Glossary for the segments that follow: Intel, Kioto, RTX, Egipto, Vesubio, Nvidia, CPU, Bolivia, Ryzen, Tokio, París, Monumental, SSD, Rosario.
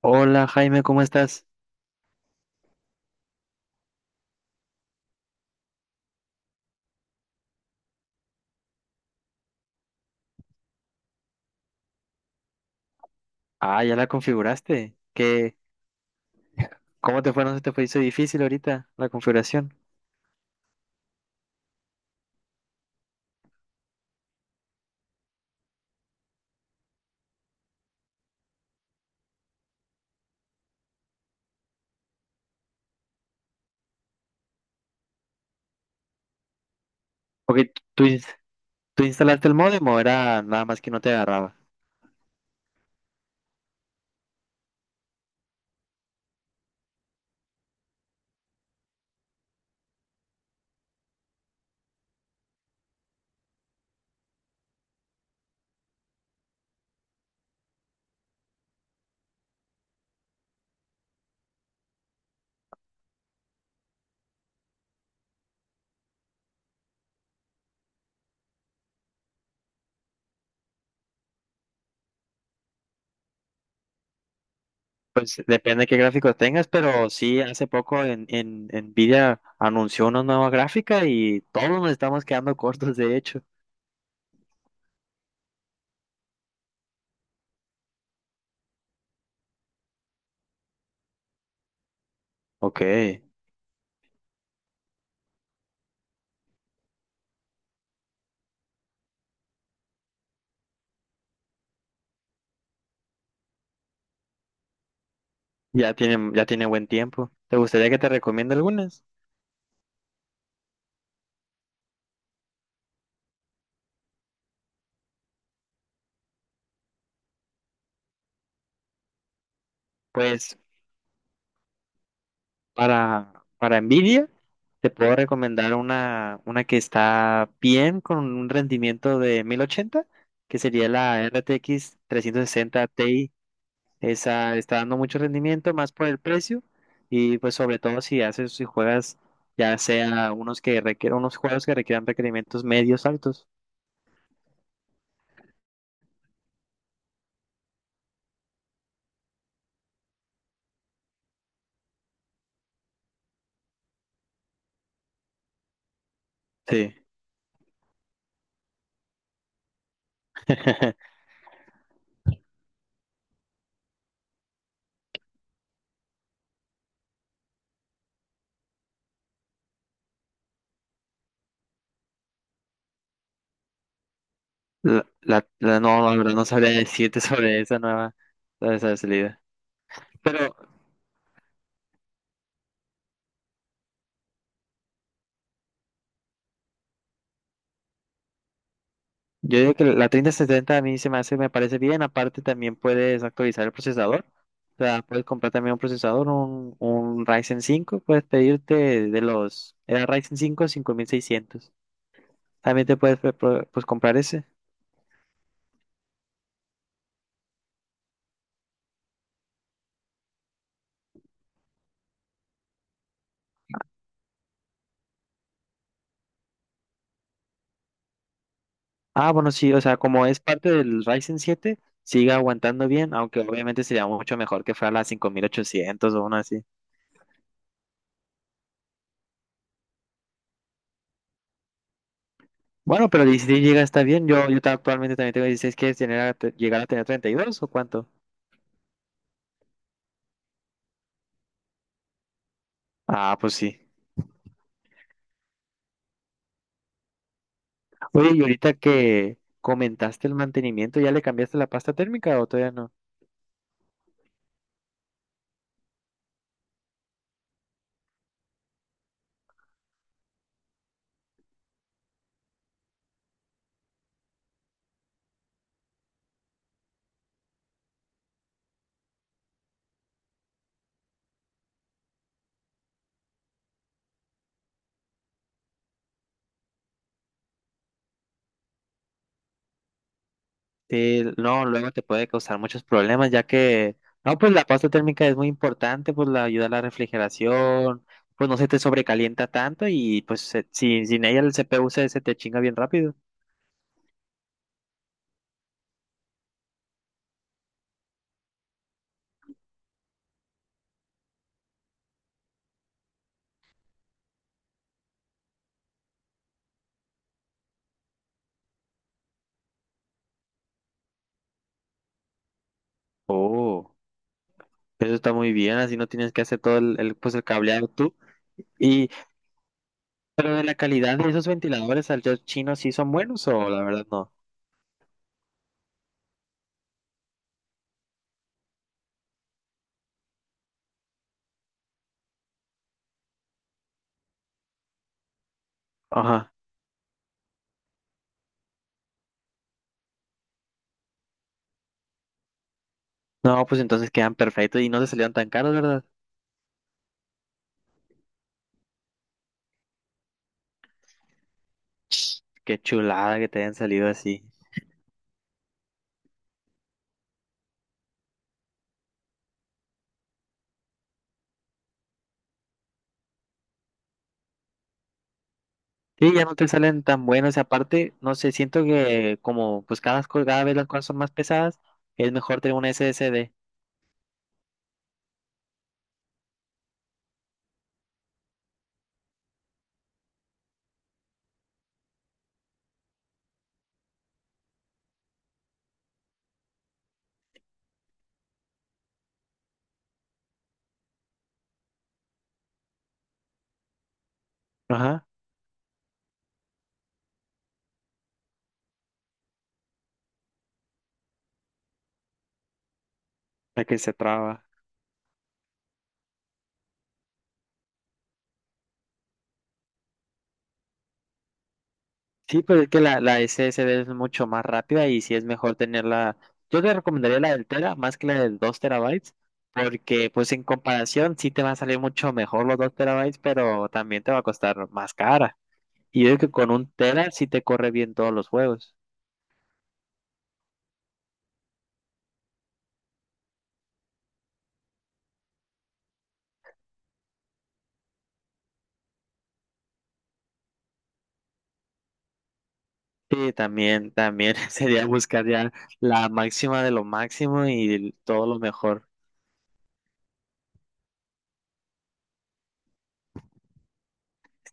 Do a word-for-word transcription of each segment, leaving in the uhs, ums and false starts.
Hola Jaime, ¿cómo estás? Ah, ya la configuraste. ¿Qué? ¿Cómo te fue? ¿No se te fue? Hizo difícil ahorita la configuración. Ok, ¿tú, ins- tú instalaste el módem o era nada más que no te agarraba? Pues depende de qué gráfico tengas, pero sí, hace poco en, en Nvidia anunció una nueva gráfica y todos nos estamos quedando cortos, de hecho. Ok, ya tiene, ya tiene buen tiempo. ¿Te gustaría que te recomiende algunas? Pues Para, para Nvidia, te puedo recomendar una, una que está bien con un rendimiento de mil ochenta que sería la R T X sesenta Ti. Esa está dando mucho rendimiento, más por el precio. Y pues sobre todo si haces, si juegas, ya sea unos que requieren unos juegos que requieran requerimientos medios altos. Sí. La, la- la- no, la verdad no sabría decirte sobre esa nueva, sobre esa salida. Pero yo digo que la treinta setenta a mí se me hace, me parece bien. Aparte, también puedes actualizar el procesador. O sea, puedes comprar también un procesador, un, un Ryzen cinco. Puedes pedirte de los. Era Ryzen cinco cinco mil seiscientos. También te puedes pe- pro- pues, comprar ese. Ah, bueno, sí, o sea, como es parte del Ryzen siete sigue aguantando bien. Aunque obviamente sería mucho mejor que fuera la cinco mil ochocientos o una así. Bueno, pero dieciséis gigas está bien. Yo, yo ta- actualmente también tengo dieciséis. ¿Quieres tener a- te- llegar a tener treinta y dos o cuánto? Ah, pues sí. Oye, y ahorita que comentaste el mantenimiento, ¿ya le cambiaste la pasta térmica o todavía no? Sí, no, luego te puede causar muchos problemas, ya que, no, pues la pasta térmica es muy importante, pues la ayuda a la refrigeración, pues no se te sobrecalienta tanto y pues se- sin, sin ella el C P U se, se te chinga bien rápido. Oh, eso está muy bien, así no tienes que hacer todo el, el, pues el cableado tú. Y, pero de la calidad de esos ventiladores al chino sí son buenos o la verdad no. Ajá. No, pues entonces quedan perfectos y no te salieron tan caros, ¿verdad? Qué chulada que te hayan salido así. Sí, ya no te salen tan buenos. Y aparte, no sé, siento que como pues cada, co- cada vez las cosas son más pesadas, es mejor tener una S S D. Ajá, la que se traba. Sí, pero es que la, la S S D es mucho más rápida y sí es mejor tenerla. Yo te recomendaría la del tera más que la del dos terabytes, porque pues en comparación sí te va a salir mucho mejor los dos terabytes, pero también te va a costar más cara. Y es que con un tera sí te corre bien todos los juegos. Sí, también, también sería buscar ya la máxima de lo máximo y el- todo lo mejor.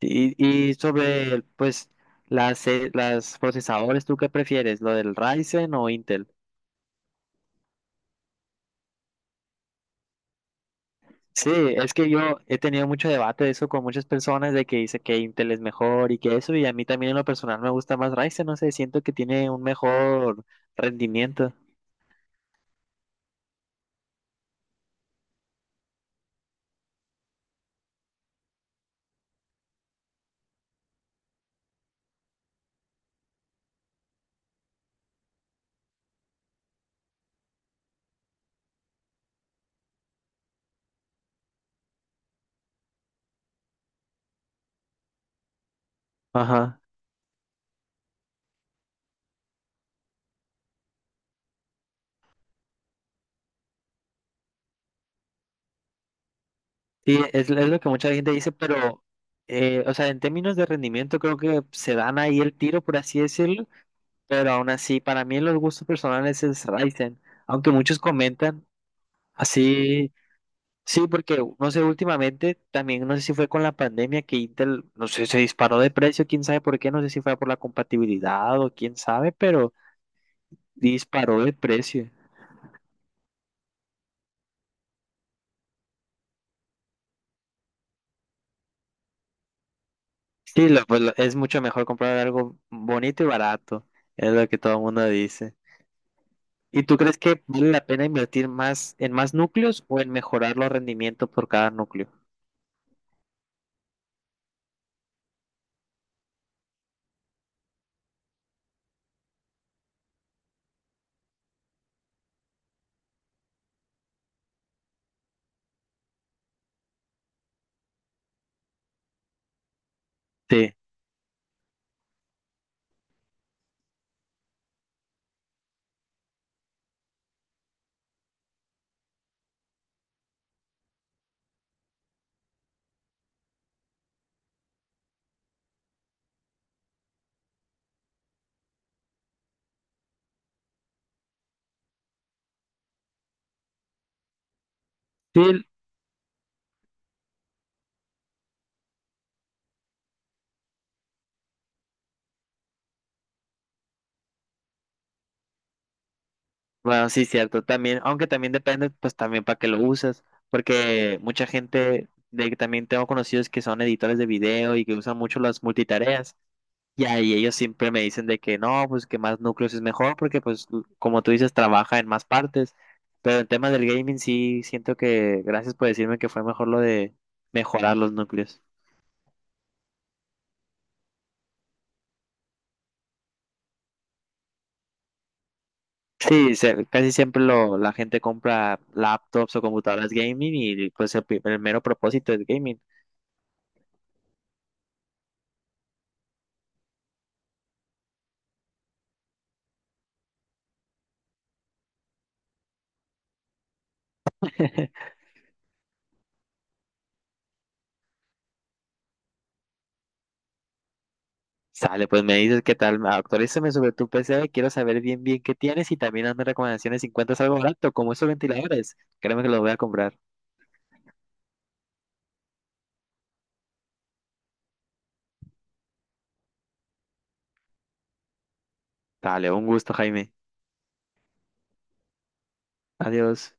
Y, y sobre, pues, las, eh, las procesadores, ¿tú qué prefieres? ¿Lo del Ryzen o Intel? Sí, es que yo he tenido mucho debate de eso con muchas personas de que dice que Intel es mejor y que eso, y a mí también en lo personal me gusta más Ryzen, no sé, siento que tiene un mejor rendimiento. Ajá. Sí, es, es lo que mucha gente dice, pero, eh, o sea, en términos de rendimiento creo que se dan ahí el tiro, por así decirlo, pero aún así, para mí en los gustos personales es Ryzen, aunque muchos comentan así, sí, porque, no sé, últimamente también, no sé si fue con la pandemia que Intel, no sé, se disparó de precio, quién sabe por qué, no sé si fue por la compatibilidad o quién sabe, pero disparó de precio. Sí, lo- pues, lo- es mucho mejor comprar algo bonito y barato, es lo que todo el mundo dice. ¿Y tú crees que vale la pena invertir más en más núcleos o en mejorar los rendimientos por cada núcleo? Sí, sí, bueno, sí, cierto, también, aunque también depende, pues también para qué lo usas, porque mucha gente, de que también tengo conocidos que son editores de video y que usan mucho las multitareas, y ahí ellos siempre me dicen de que no, pues que más núcleos es mejor porque pues l- como tú dices, trabaja en más partes. Pero en temas del gaming sí siento que, gracias por decirme que fue mejor lo de mejorar los núcleos. Sí, se- casi siempre lo, la gente compra laptops o computadoras gaming y pues el, pri- el mero propósito es gaming. Sale, pues me dices qué tal, ma- actualízame sobre tu P C, quiero saber bien bien qué tienes y también hazme recomendaciones si encuentras algo barato como esos ventiladores. Créeme que los voy a comprar. Dale, un gusto, Jaime. Adiós.